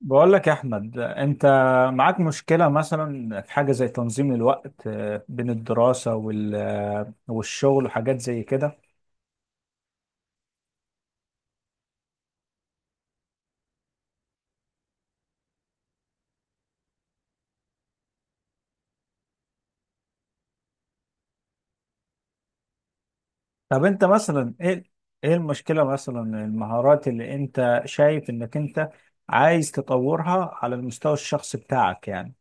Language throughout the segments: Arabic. بقول لك يا احمد، انت معاك مشكله مثلا في حاجه زي تنظيم الوقت، بين الدراسه والشغل وحاجات زي كده. طب انت مثلا ايه المشكله مثلا؟ المهارات اللي انت شايف انك انت عايز تطورها على المستوى الشخصي بتاعك، يعني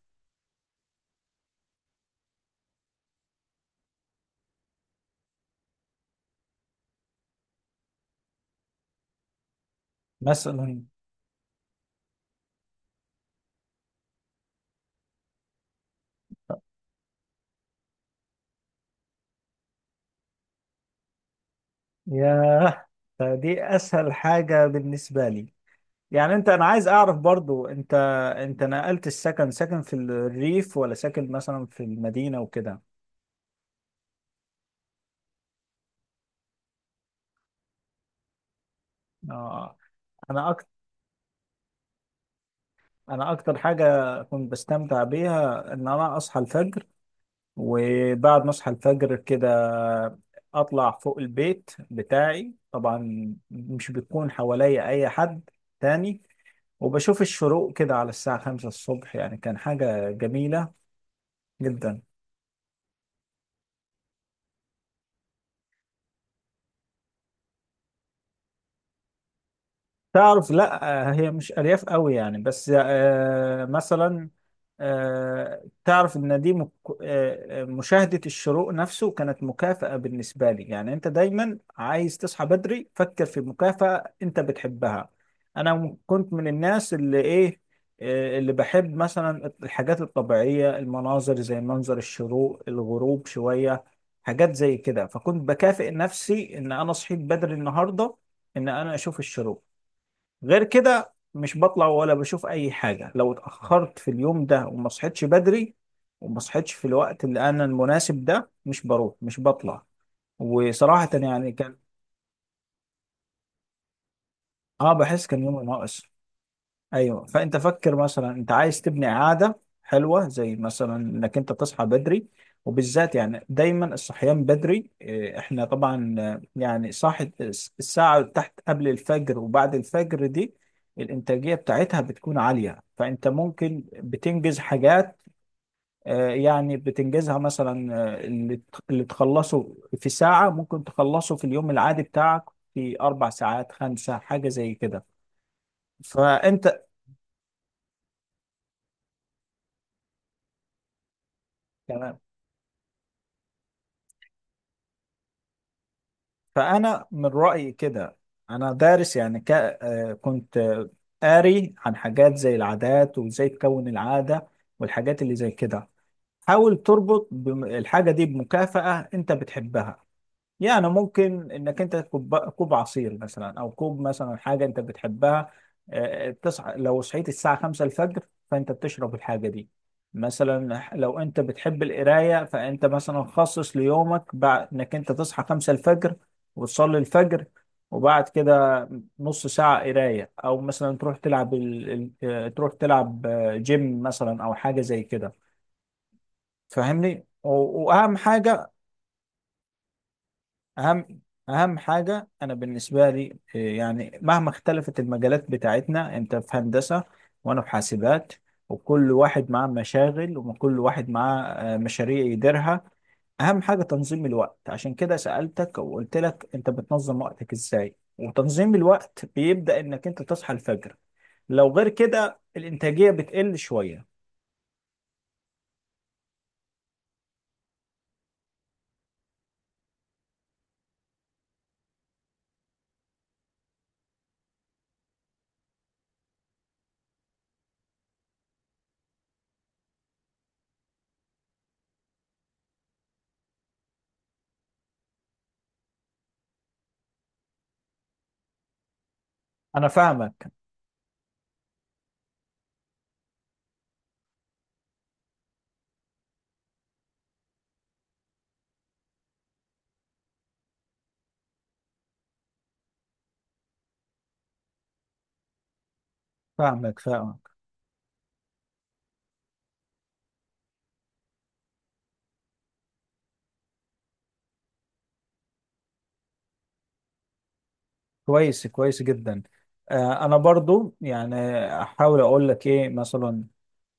مثلا. ياه، فدي اسهل حاجه بالنسبه لي. يعني انا عايز اعرف، برضو انت نقلت السكن؟ ساكن في الريف ولا ساكن مثلا في المدينه وكده؟ آه، انا اكتر انا اكتر حاجه كنت بستمتع بيها ان انا اصحى الفجر. وبعد ما اصحى الفجر كده اطلع فوق البيت بتاعي، طبعا مش بيكون حواليا اي حد تاني، وبشوف الشروق كده على الساعه 5 الصبح، يعني كان حاجه جميله جدا. تعرف، لا، هي مش أرياف قوي يعني، بس مثلا، تعرف إن دي مك... آه، آه، مشاهدة الشروق نفسه كانت مكافأة بالنسبة لي، يعني أنت دايما عايز تصحى بدري، فكر في مكافأة أنت بتحبها. أنا كنت من الناس اللي إيه آه، اللي بحب مثلا الحاجات الطبيعية، المناظر زي منظر الشروق، الغروب، شوية حاجات زي كده. فكنت بكافئ نفسي إن أنا صحيت بدري النهاردة، إن أنا أشوف الشروق. غير كده مش بطلع ولا بشوف اي حاجه لو اتاخرت في اليوم ده وما صحيتش بدري. وما صحيتش في الوقت اللي المناسب ده، مش بروح، مش بطلع. وصراحه يعني كان. اه، بحس كان يوم ناقص. ايوه، فانت فكر مثلا انت عايز تبني عاده حلوه زي مثلا انك انت تصحى بدري. وبالذات يعني دايما الصحيان بدري، احنا طبعا يعني صاحي الساعه تحت قبل الفجر وبعد الفجر دي، الانتاجيه بتاعتها بتكون عاليه. فانت ممكن بتنجز حاجات، يعني بتنجزها مثلا، اللي تخلصه في ساعه ممكن تخلصه في اليوم العادي بتاعك في 4 ساعات، 5، حاجه زي كده. فانت يعني فأنا من رأيي كده. أنا دارس، يعني ك... آه، كنت قاري عن حاجات زي العادات وإزاي تكون العادة والحاجات اللي زي كده. حاول تربط الحاجة دي بمكافأة أنت بتحبها. يعني ممكن انك انت كوب عصير مثلا، او كوب مثلا حاجه انت بتحبها. تصحى، لو صحيت الساعه 5 الفجر فانت بتشرب الحاجه دي. مثلا لو انت بتحب القرايه فانت مثلا خصص ليومك بعد انك انت تصحى 5 الفجر وتصلي الفجر، وبعد كده نص ساعه قرايه، او مثلا تروح تلعب جيم مثلا او حاجه زي كده. فاهمني؟ واهم حاجه، اهم اهم حاجه انا بالنسبه لي، يعني مهما اختلفت المجالات بتاعتنا، انت في هندسه وانا في حاسبات، وكل واحد معاه مشاغل وكل واحد معاه مشاريع يديرها. اهم حاجه تنظيم الوقت، عشان كده سالتك وقلت لك انت بتنظم وقتك ازاي، وتنظيم الوقت بيبدا انك انت تصحى الفجر. لو غير كده الانتاجيه بتقل شويه. انا فاهمك، فاهمك، فاهمك. كويس، كويس جدا. انا برضو يعني احاول اقول لك ايه مثلا.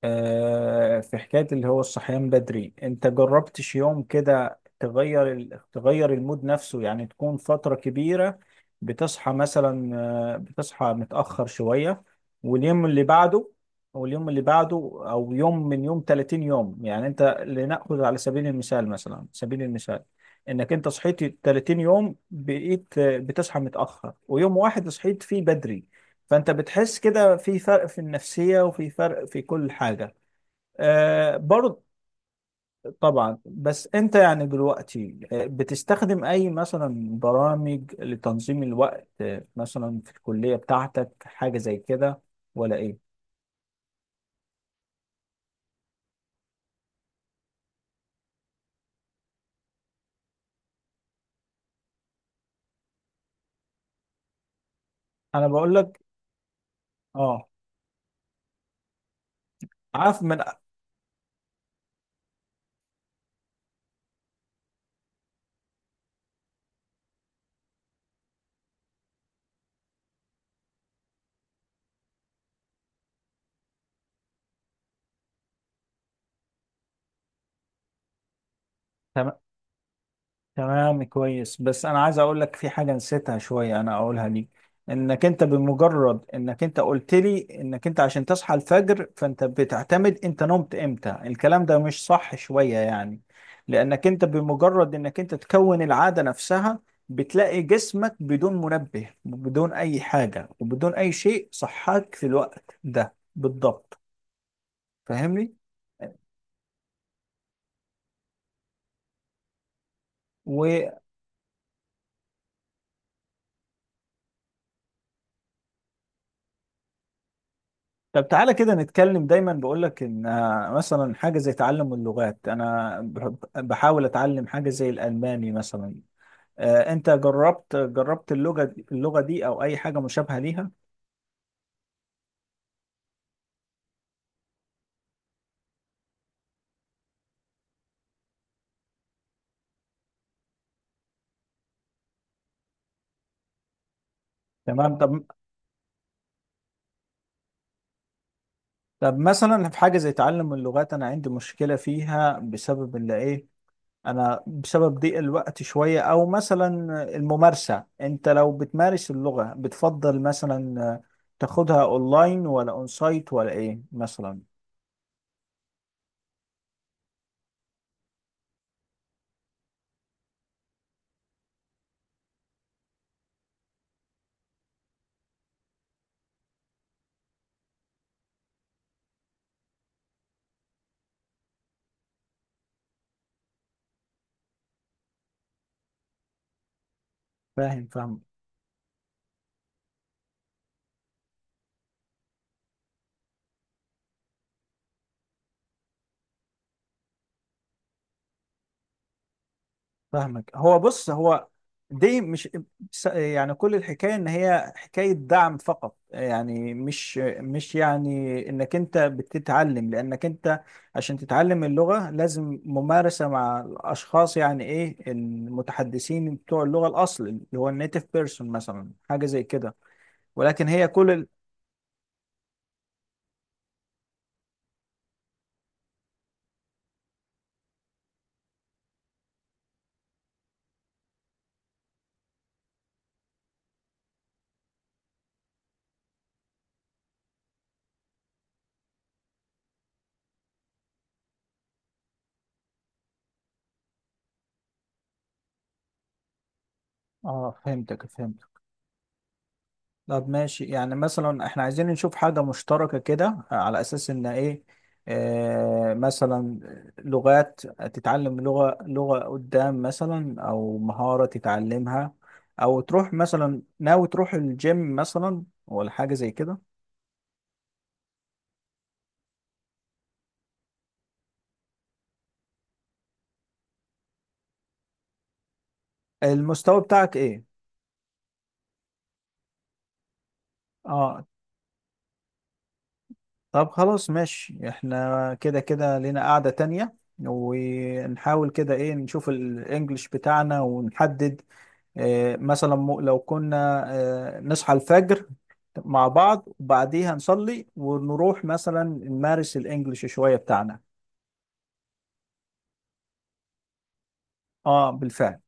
في حكاية اللي هو الصحيان بدري، انت جربتش يوم كده تغير تغير المود نفسه، يعني تكون فترة كبيرة بتصحى مثلا بتصحى متأخر شوية، واليوم اللي بعده، او اليوم اللي بعده، او يوم من يوم 30 يوم، يعني انت لنأخذ على سبيل المثال، انك انت صحيت 30 يوم بقيت بتصحى متأخر، ويوم واحد صحيت فيه بدري، فانت بتحس كده في فرق في النفسية وفي فرق في كل حاجة، آه برضه. طبعا، بس انت يعني دلوقتي بتستخدم اي مثلا برامج لتنظيم الوقت، مثلا في الكلية بتاعتك حاجة زي كده، ولا ايه؟ انا بقول لك، اه، عارف من. تمام، تمام. كويس، بس انا عايز اقول لك في حاجه نسيتها شويه انا اقولها ليك. انك انت بمجرد انك انت قلت لي انك انت عشان تصحى الفجر فانت بتعتمد انت نمت امتى، الكلام ده مش صح شويه يعني. لانك انت بمجرد انك انت تكون العاده نفسها، بتلاقي جسمك بدون منبه، بدون اي حاجه، وبدون اي شيء صحاك في الوقت ده بالضبط. فاهمني؟ طب تعالى كده نتكلم، دايما بقول لك ان مثلا حاجه زي تعلم اللغات، انا بحاول اتعلم حاجه زي الالماني مثلا. انت جربت اللغه دي او اي حاجه مشابهه ليها؟ تمام. طب مثلا في حاجه زي تعلم اللغات، انا عندي مشكله فيها بسبب اللي ايه؟ انا بسبب ضيق الوقت شويه، او مثلا الممارسه، انت لو بتمارس اللغه بتفضل مثلا تاخدها اونلاين ولا اون سايت ولا ايه مثلا؟ فاهم، فاهم، فاهمك. هو بص، هو دي مش يعني كل الحكايه ان هي حكايه دعم فقط، يعني مش يعني انك انت بتتعلم، لانك انت عشان تتعلم اللغه لازم ممارسه مع الاشخاص، يعني ايه، المتحدثين بتوع اللغه الاصل اللي هو النيتيف بيرسون مثلا، حاجه زي كده، ولكن هي اه، فهمتك، فهمت. طب ماشي، يعني مثلا احنا عايزين نشوف حاجة مشتركة كده، على أساس إن إيه آه مثلا لغات، تتعلم لغة لغة قدام مثلا، أو مهارة تتعلمها، أو تروح مثلا، ناوي تروح الجيم مثلا ولا حاجة زي كده؟ المستوى بتاعك إيه؟ آه طب خلاص ماشي، احنا كده كده لينا قاعدة تانية، ونحاول كده نشوف الإنجليش بتاعنا ونحدد، مثلا لو كنا نصحى الفجر مع بعض وبعديها نصلي ونروح مثلا نمارس الانجليش شوية بتاعنا. اه، بالفعل.